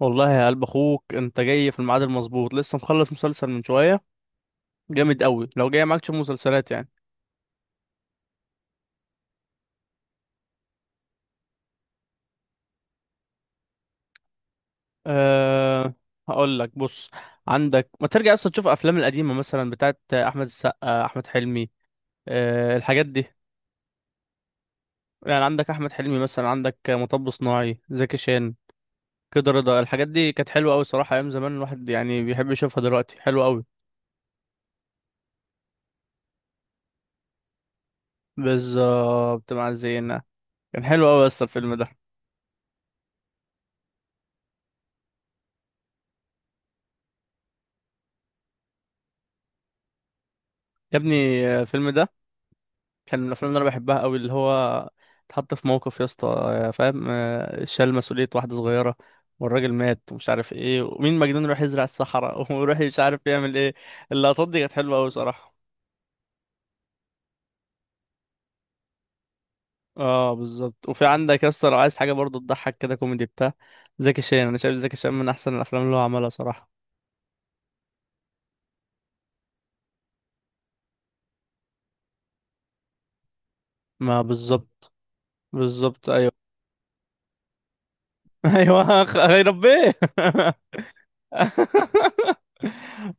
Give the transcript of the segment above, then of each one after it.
والله يا قلب اخوك، انت جاي في الميعاد المظبوط. لسه مخلص مسلسل من شويه، جامد قوي. لو جاي معاك تشوف مسلسلات يعني. أه هقول لك، بص، عندك ما ترجع اصلا تشوف افلام القديمه مثلا، بتاعت احمد السقا، احمد حلمي. الحاجات دي. يعني عندك احمد حلمي مثلا، عندك مطب صناعي، زكي شان، كده رضا، الحاجات دي كانت حلوه قوي صراحه. ايام زمان الواحد يعني بيحب يشوفها، دلوقتي حلوه قوي. بالظبط، مع الزينه. كان حلو قوي اصلا الفيلم ده. يا ابني، الفيلم ده كان من الافلام اللي انا بحبها قوي، اللي هو اتحط في موقف يا اسطى، فاهم، شال مسؤولية واحدة صغيرة، والراجل مات ومش عارف ايه، ومين مجنون يروح يزرع الصحراء ويروح مش عارف يعمل ايه. اللقطات دي كانت حلوة قوي صراحة. اه بالظبط. وفي عندك يا اسطى، لو عايز حاجة برضه تضحك كده، كوميدي بتاع زكي شان. انا شايف زكي شان من احسن الافلام اللي هو عملها صراحة. ما بالظبط. بالظبط ايوه. ايوه، يا ربي.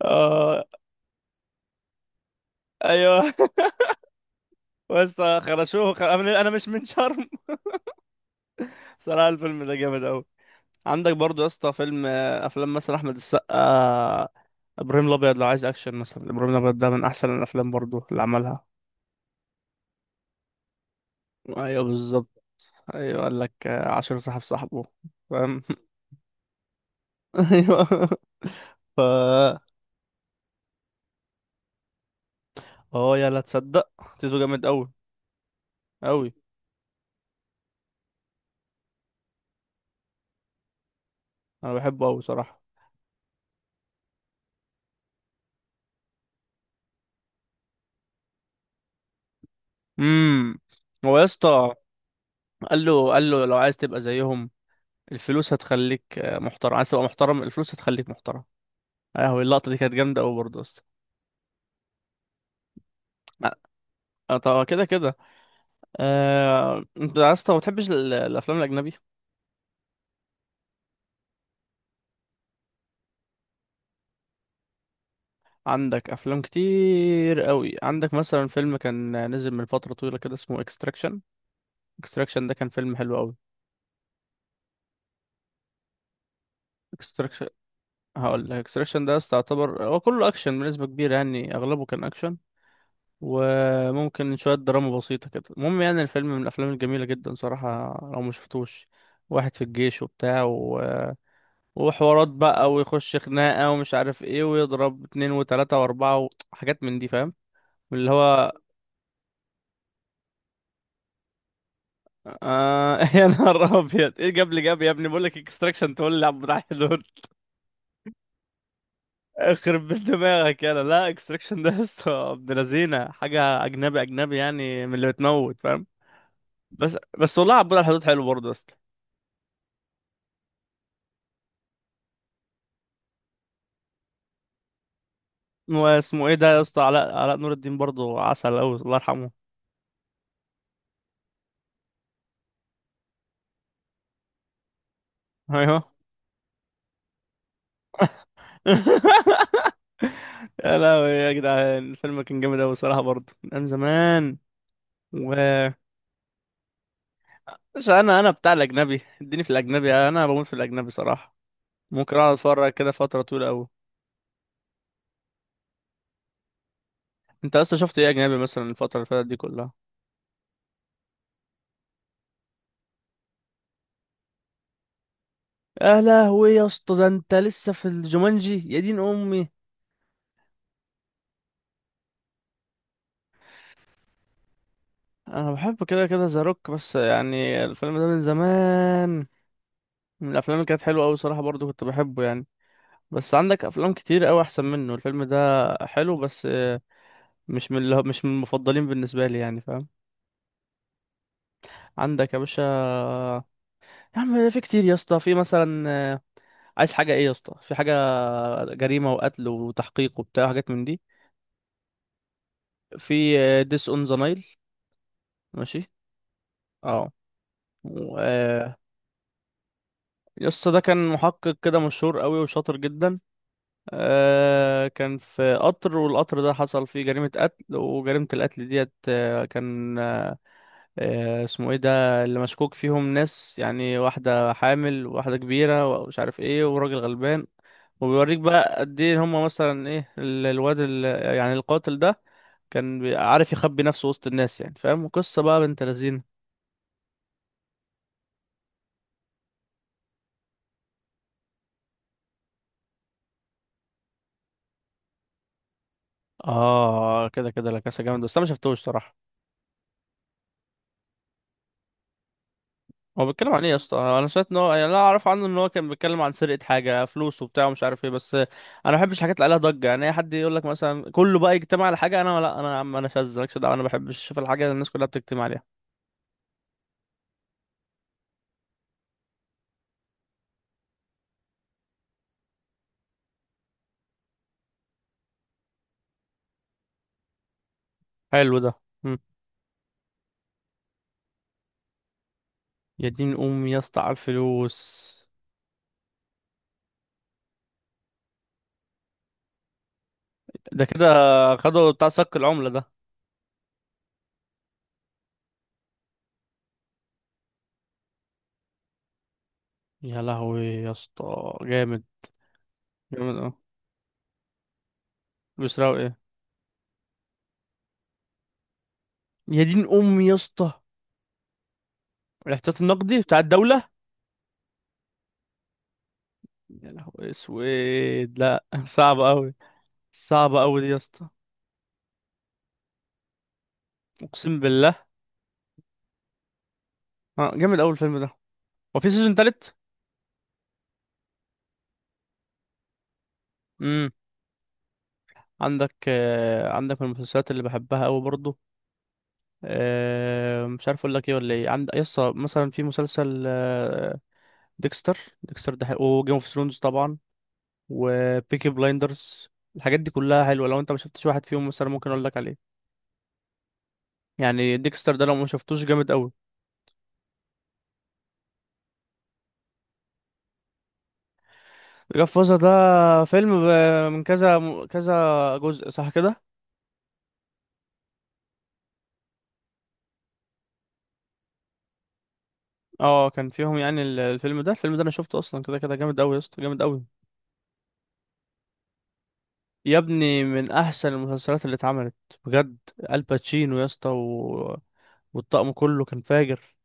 اه. ايوه بس خرشوه، خ... انا أنا مش من شرم. صراحه الفيلم ده جامد قوي. عندك برضو يا اسطى فيلم، افلام مثلا احمد السقا. ابراهيم الابيض لو عايز اكشن مثلا. ابراهيم الابيض ده من احسن الافلام برضو اللي عملها. ايوه بالظبط. ايوه قال لك، عشر صاحب صاحبه، فاهم. ايوه. ف اه يا لا تصدق، تيتو جامد قوي قوي. انا بحبه قوي صراحه. امم هو يا اسطى، قال له لو عايز تبقى زيهم الفلوس هتخليك محترم. عايز تبقى محترم، الفلوس هتخليك محترم. اهو اللقطه دي كانت جامده قوي برضه اصلا. طب كده كده، انت عايز، طب ما بتحبش الافلام الاجنبي؟ عندك افلام كتير قوي، عندك مثلا فيلم كان نزل من فتره طويله كده، اسمه اكستراكشن. اكستراكشن ده كان فيلم حلو قوي. اكستراكشن، هقول لك، اكستراكشن ده أصلا يعتبر هو كله اكشن بنسبه كبيره، يعني اغلبه كان اكشن وممكن شويه دراما بسيطه كده. المهم يعني الفيلم من الافلام الجميله جدا صراحه لو ما شفتوش. واحد في الجيش وبتاع، وحوارات بقى، ويخش خناقة ومش عارف ايه، ويضرب اتنين وتلاتة واربعة وحاجات من دي، فاهم، اللي هو. يا نهار ابيض، ايه جاب لي؟ جاب يا ابني بقول لك اكستراكشن تقول لي عبد الحي دول! اخرب بيت دماغك، يلا لا، اكستراكشن ده يا اسطى ابن لذينه، حاجة اجنبي اجنبي يعني، من اللي بتموت، فاهم. بس والله عبود على الحدود حلو برضه يا اسطى. واسمه ايه ده يا اسطى، علاء نور الدين برضه عسل قوي، الله يرحمه. ايوه. يا لهوي يا جدعان، الفيلم كان جامد أوي الصراحة برضه من أيام زمان. و مش أنا بتاع الأجنبي، اديني في الأجنبي، أنا بموت في الأجنبي صراحة. ممكن أقعد أتفرج كده فترة طويلة أوي. أنت أصلا شفت إيه أجنبي مثلا الفترة اللي فاتت دي كلها؟ يا لهوي يا اسطى، ده أنت لسه في الجومانجي يا دين أمي! أنا بحب كده كده ذا روك، بس يعني الفيلم ده من زمان، من الأفلام اللي كانت حلوة أوي صراحة، برضه كنت بحبه يعني. بس عندك أفلام كتير أوي أحسن منه. الفيلم ده حلو، بس مش من المفضلين بالنسبة لي، يعني فاهم. عندك يا باشا، يا عم في كتير يا اسطى، في مثلا، آه، عايز حاجة ايه يا اسطى، في حاجة جريمة وقتل وتحقيق وبتاع وحاجات من دي. في ديس اون ذا نايل، ماشي. اه. و- آه، يا اسطى ده كان محقق كده مشهور قوي، وشاطر جدا. كان في قطر، والقطر ده حصل فيه جريمة قتل، وجريمة القتل ديت، كان اسمه ايه ده، اللي مشكوك فيهم ناس، يعني واحدة حامل وواحدة كبيرة ومش عارف ايه، وراجل غلبان. وبيوريك بقى قد ايه هما مثلا ايه، يعني القاتل ده، كان عارف يخبي نفسه وسط الناس، يعني فاهم قصة بقى، بنت لذينه. اه كده كده، لا كاسا جامد بس انا ما شفتوش صراحة. هو بيتكلم عن ايه يا اسطى؟ انا سمعت ان هو يعني، انا اعرف عنه ان هو كان بيتكلم عن سرقه حاجه، فلوس وبتاع ومش عارف ايه. بس انا ما بحبش الحاجات اللي عليها ضجه، يعني اي حد يقول لك مثلا كله بقى يجتمع على حاجه، انا لا، انا يا عم انا شاذ مالكش دعوه، انا ما بحبش اشوف الحاجه اللي الناس كلها بتجتمع عليها. حلو ده. مم. يا دين امي يا اسطى، على الفلوس. ده كده خدوا بتاع صك العمله ده. يا لهوي يا اسطى، جامد. جامد اه. بيسرقوا ايه؟ يا دين امي يا اسطى، الاحتياط النقدي بتاع الدوله. يا لهوي اسود لا صعب قوي. صعبة أوي دي يا اسطى. أقسم بالله. آه جامد أوي الفيلم ده. وفي سيزون تالت؟ امم عندك، عندك من المسلسلات اللي بحبها أوي برضو، مش عارف أقول لك إيه ولا إيه. عند يا اسطى مثلا في مسلسل، ديكستر. ديكستر ده حلو، وجيم أوف ثرونز طبعا، وبيكي بلايندرز، الحاجات دي كلها حلوة. لو أنت ما شفتش واحد فيهم مثلا ممكن أقول لك عليه. يعني ديكستر ده لو ما شفتوش، جامد أوي. جاد فازر ده فيلم من كذا كذا جزء، صح كده. اه كان فيهم يعني الفيلم ده، الفيلم ده انا شفته اصلا كده كده، جامد قوي يا اسطى، جامد قوي. يا ابني من احسن المسلسلات اللي اتعملت بجد. الباتشينو يا اسطى، والطقم كله كان فاجر.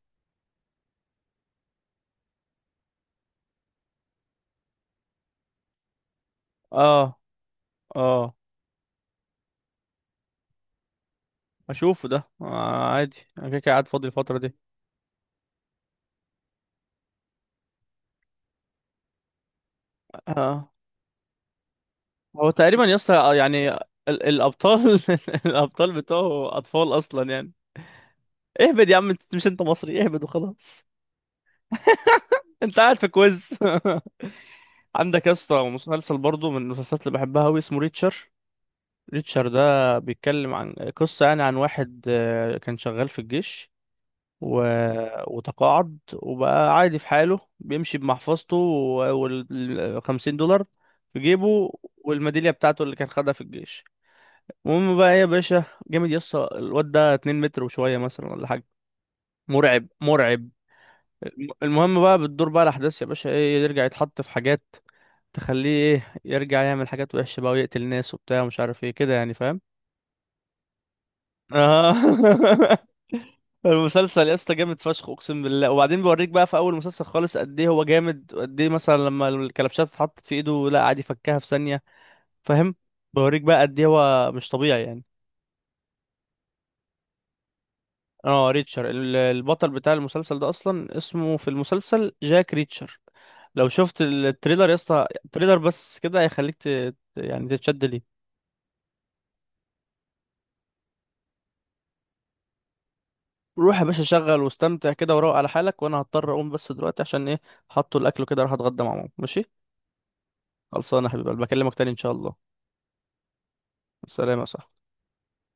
اه. اه اشوفه ده، آه عادي انا كده كده قاعد فاضي الفترة دي. اه. هو تقريبا يا اسطى، يعني الابطال الابطال بتوعه اطفال اصلا يعني. اهبد يا عم، انت مش انت مصري، اهبد وخلاص. انت قاعد في كويز. عندك يا اسطى مسلسل برضه من المسلسلات اللي بحبها قوي، اسمه ريتشر. ريتشارد ده بيتكلم عن قصة يعني، عن واحد كان شغال في الجيش و... وتقاعد وبقى عادي في حاله، بيمشي بمحفظته والخمسين دولار في جيبه، والميدالية بتاعته اللي كان خدها في الجيش. المهم بقى ايه يا باشا، جامد يسطا، الواد ده 2 متر وشوية مثلا ولا حاجة، مرعب مرعب. المهم بقى بتدور بقى الأحداث يا باشا، ايه يرجع يتحط في حاجات تخليه ايه يرجع يعمل حاجات وحشة بقى، ويقتل ناس وبتاع ومش عارف ايه كده، يعني فاهم. اه. المسلسل يا اسطى جامد فشخ، اقسم بالله. وبعدين بوريك بقى في اول مسلسل خالص قد ايه هو جامد، قد ايه مثلا لما الكلبشات اتحطت في ايده لا عادي فكها في ثانيه، فاهم. بوريك بقى قد ايه هو مش طبيعي يعني. اه ريتشر، البطل بتاع المسلسل ده اصلا اسمه في المسلسل جاك ريتشر. لو شفت التريلر يا اسطى، التريلر بس كده هيخليك يعني تتشد ليه. روح يا باشا شغل واستمتع كده وروق على حالك. وانا هضطر اقوم بس دلوقتي عشان ايه، حطوا الاكل كده، راح اتغدى مع ماما، ماشي. خلصانه يا حبيبي، بكلمك تاني ان شاء الله. سلام يا صاحبي.